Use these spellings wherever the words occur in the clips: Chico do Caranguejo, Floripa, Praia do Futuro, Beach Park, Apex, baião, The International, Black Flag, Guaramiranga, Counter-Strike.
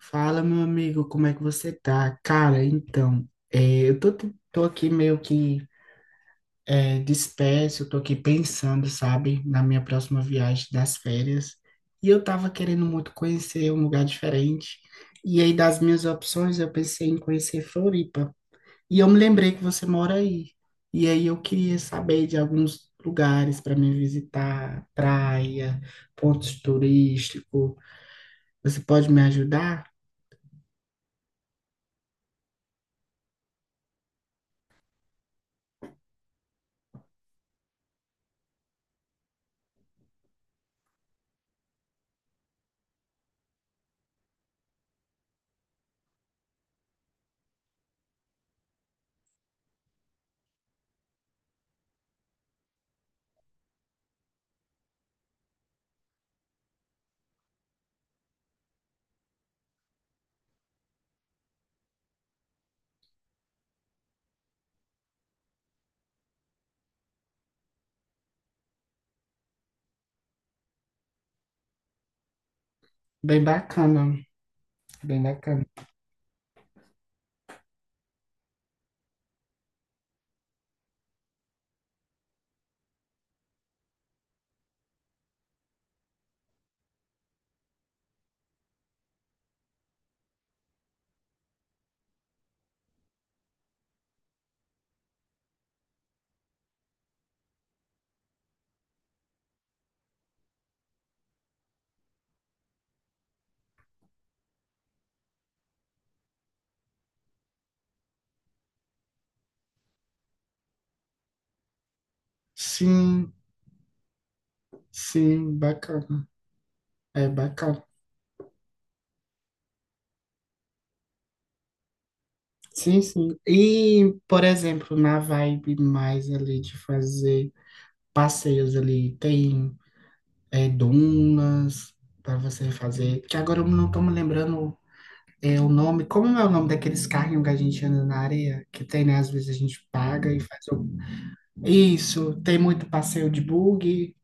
Fala, meu amigo, como é que você tá? Cara, então, eu tô aqui meio que disperso, eu tô aqui pensando, sabe, na minha próxima viagem das férias. E eu tava querendo muito conhecer um lugar diferente. E aí, das minhas opções, eu pensei em conhecer Floripa. E eu me lembrei que você mora aí. E aí, eu queria saber de alguns lugares para me visitar, praia, pontos turísticos. Você pode me ajudar? Bem bacana. Bem bacana. Sim, sim, bacana. É bacana. Sim, sim. E, por exemplo, na vibe mais ali de fazer passeios ali, tem dunas para você fazer. Que agora eu não tô me lembrando o nome. Como é o nome daqueles carrinhos que a gente anda na areia? Que tem, né? Às vezes a gente paga e faz o... Isso, tem muito passeio de buggy.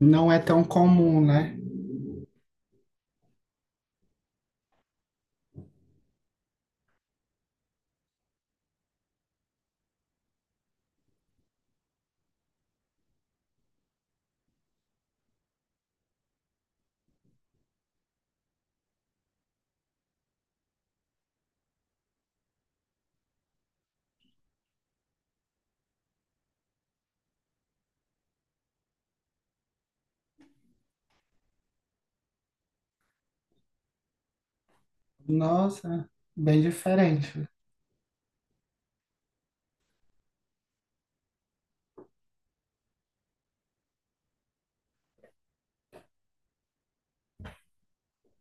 Não é tão comum, né? Nossa, bem diferente.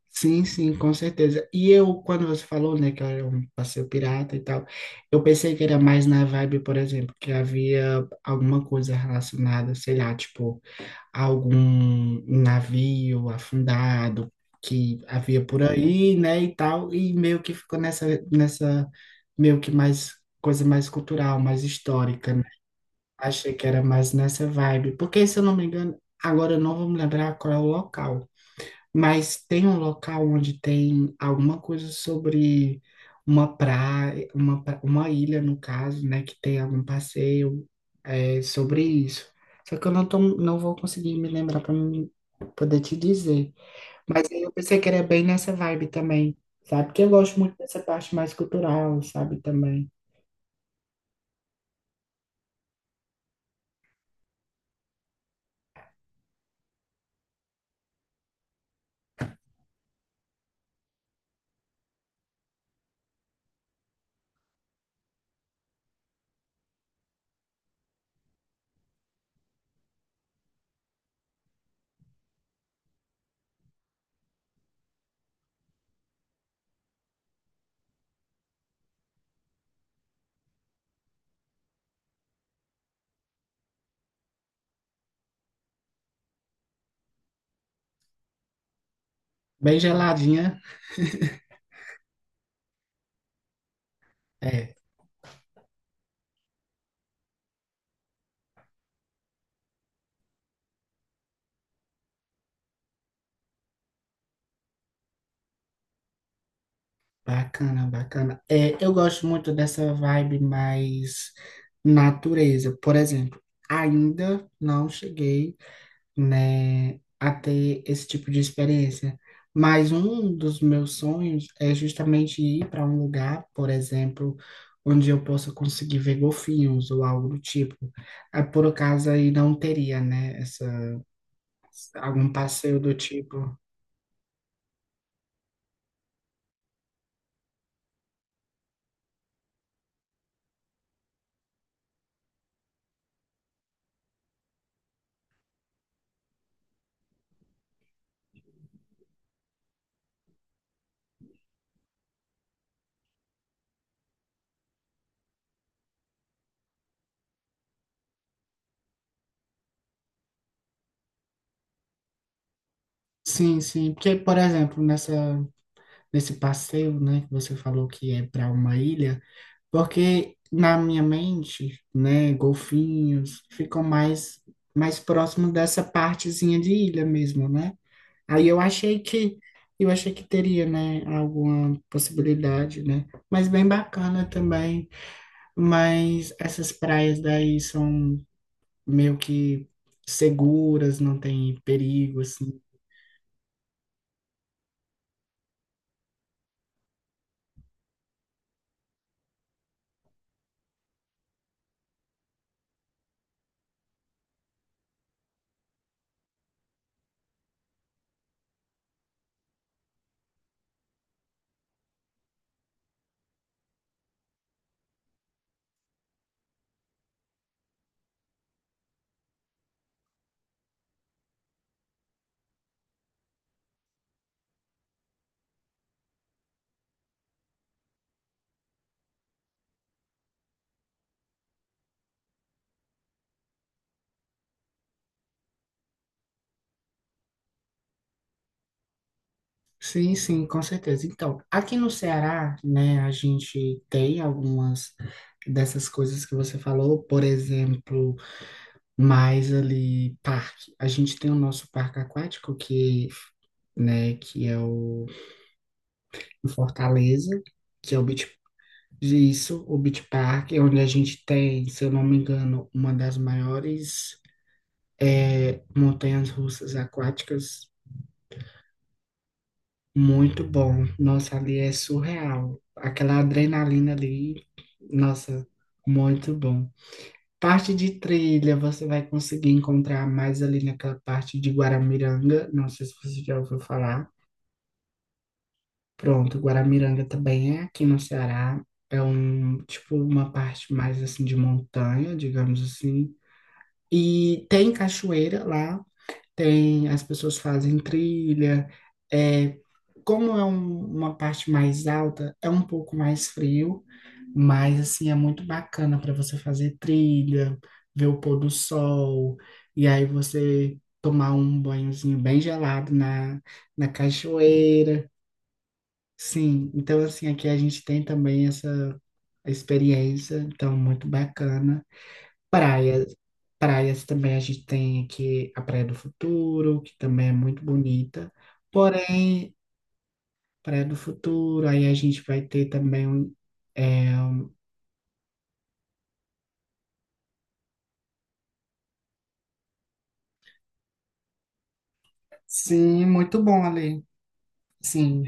Sim, sim, com certeza. E eu, quando você falou, né, que era um passeio pirata e tal, eu pensei que era mais na vibe, por exemplo, que havia alguma coisa relacionada, sei lá, tipo, algum navio afundado que havia por aí, né, e tal, e meio que ficou nessa, meio que mais, coisa mais cultural, mais histórica, né? Achei que era mais nessa vibe, porque se eu não me engano, agora eu não vou me lembrar qual é o local. Mas tem um local onde tem alguma coisa sobre uma praia, uma ilha, no caso, né? Que tem algum passeio sobre isso. Só que eu não vou conseguir me lembrar para poder te dizer. Mas aí eu pensei que era bem nessa vibe também, sabe? Porque eu gosto muito dessa parte mais cultural, sabe? Também. Bem geladinha. É. Bacana, bacana. É, eu gosto muito dessa vibe mais natureza. Por exemplo, ainda não cheguei, né, a ter esse tipo de experiência. Mas um dos meus sonhos é justamente ir para um lugar, por exemplo, onde eu possa conseguir ver golfinhos ou algo do tipo. Ah, por acaso aí não teria, né, essa, algum passeio do tipo. Sim, sim. Porque, por exemplo, nessa desse passeio, né, que você falou que é para uma ilha, porque na minha mente, né, golfinhos ficam mais próximo dessa partezinha de ilha mesmo, né? Aí eu achei que teria, né, alguma possibilidade, né? Mas bem bacana também, mas essas praias daí são meio que seguras, não tem perigos. Sim, sim, com certeza. Então, aqui no Ceará, né, a gente tem algumas dessas coisas que você falou, por exemplo, mais ali parque. A gente tem o nosso parque aquático que, né, que é o em Fortaleza, que é o Beach, isso, o Beach Park, onde a gente tem, se eu não me engano, uma das maiores montanhas-russas aquáticas. Muito bom. Nossa, ali é surreal. Aquela adrenalina ali, nossa, muito bom. Parte de trilha, você vai conseguir encontrar mais ali naquela parte de Guaramiranga. Não sei se você já ouviu falar. Pronto, Guaramiranga também é aqui no Ceará. É um, tipo, uma parte mais assim de montanha, digamos assim. E tem cachoeira lá. Tem, as pessoas fazem trilha. É, como é uma parte mais alta, é um pouco mais frio, mas assim é muito bacana para você fazer trilha, ver o pôr do sol, e aí você tomar um banhozinho bem gelado na, na cachoeira. Sim, então assim aqui a gente tem também essa experiência, então muito bacana. Praias. Praias também a gente tem aqui a Praia do Futuro, que também é muito bonita. Porém, Praia do Futuro, aí a gente vai ter também um. é, um, Sim, muito bom ali. Sim,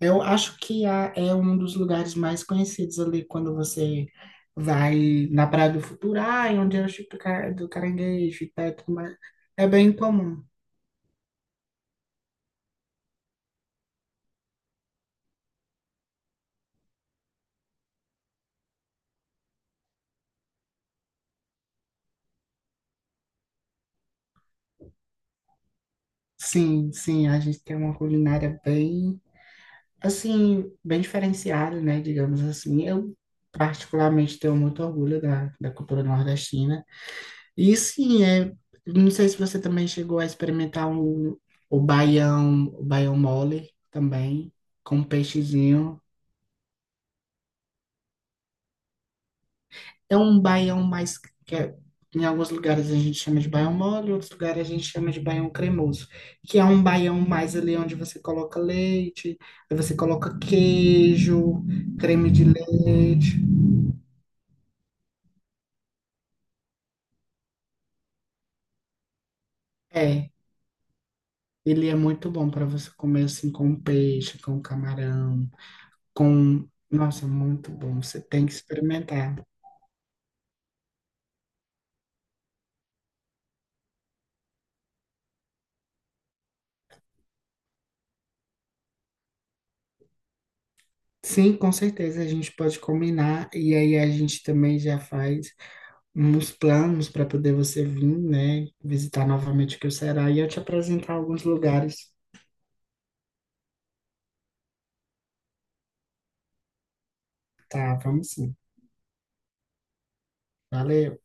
eu acho que é um dos lugares mais conhecidos ali quando você vai na Praia do Futuro, ah, e onde é o Chico do do Caranguejo e tal, e tudo mais. É bem comum. Sim, sim, a gente tem uma culinária bem assim, bem diferenciado, né? Digamos assim. Eu, particularmente, tenho muito orgulho da cultura nordestina. E sim, é, não sei se você também chegou a experimentar o baião mole também, com peixezinho. É um baião mais que é- em alguns lugares a gente chama de baião mole, em outros lugares a gente chama de baião cremoso, que é um baião mais ali onde você coloca leite, aí você coloca queijo, creme de leite. É. Ele é muito bom para você comer assim com peixe, com camarão, com... Nossa, muito bom. Você tem que experimentar. Sim, com certeza a gente pode combinar e aí a gente também já faz uns planos para poder você vir, né, visitar novamente o que o Ceará e eu te apresentar alguns lugares. Tá, vamos sim. Valeu.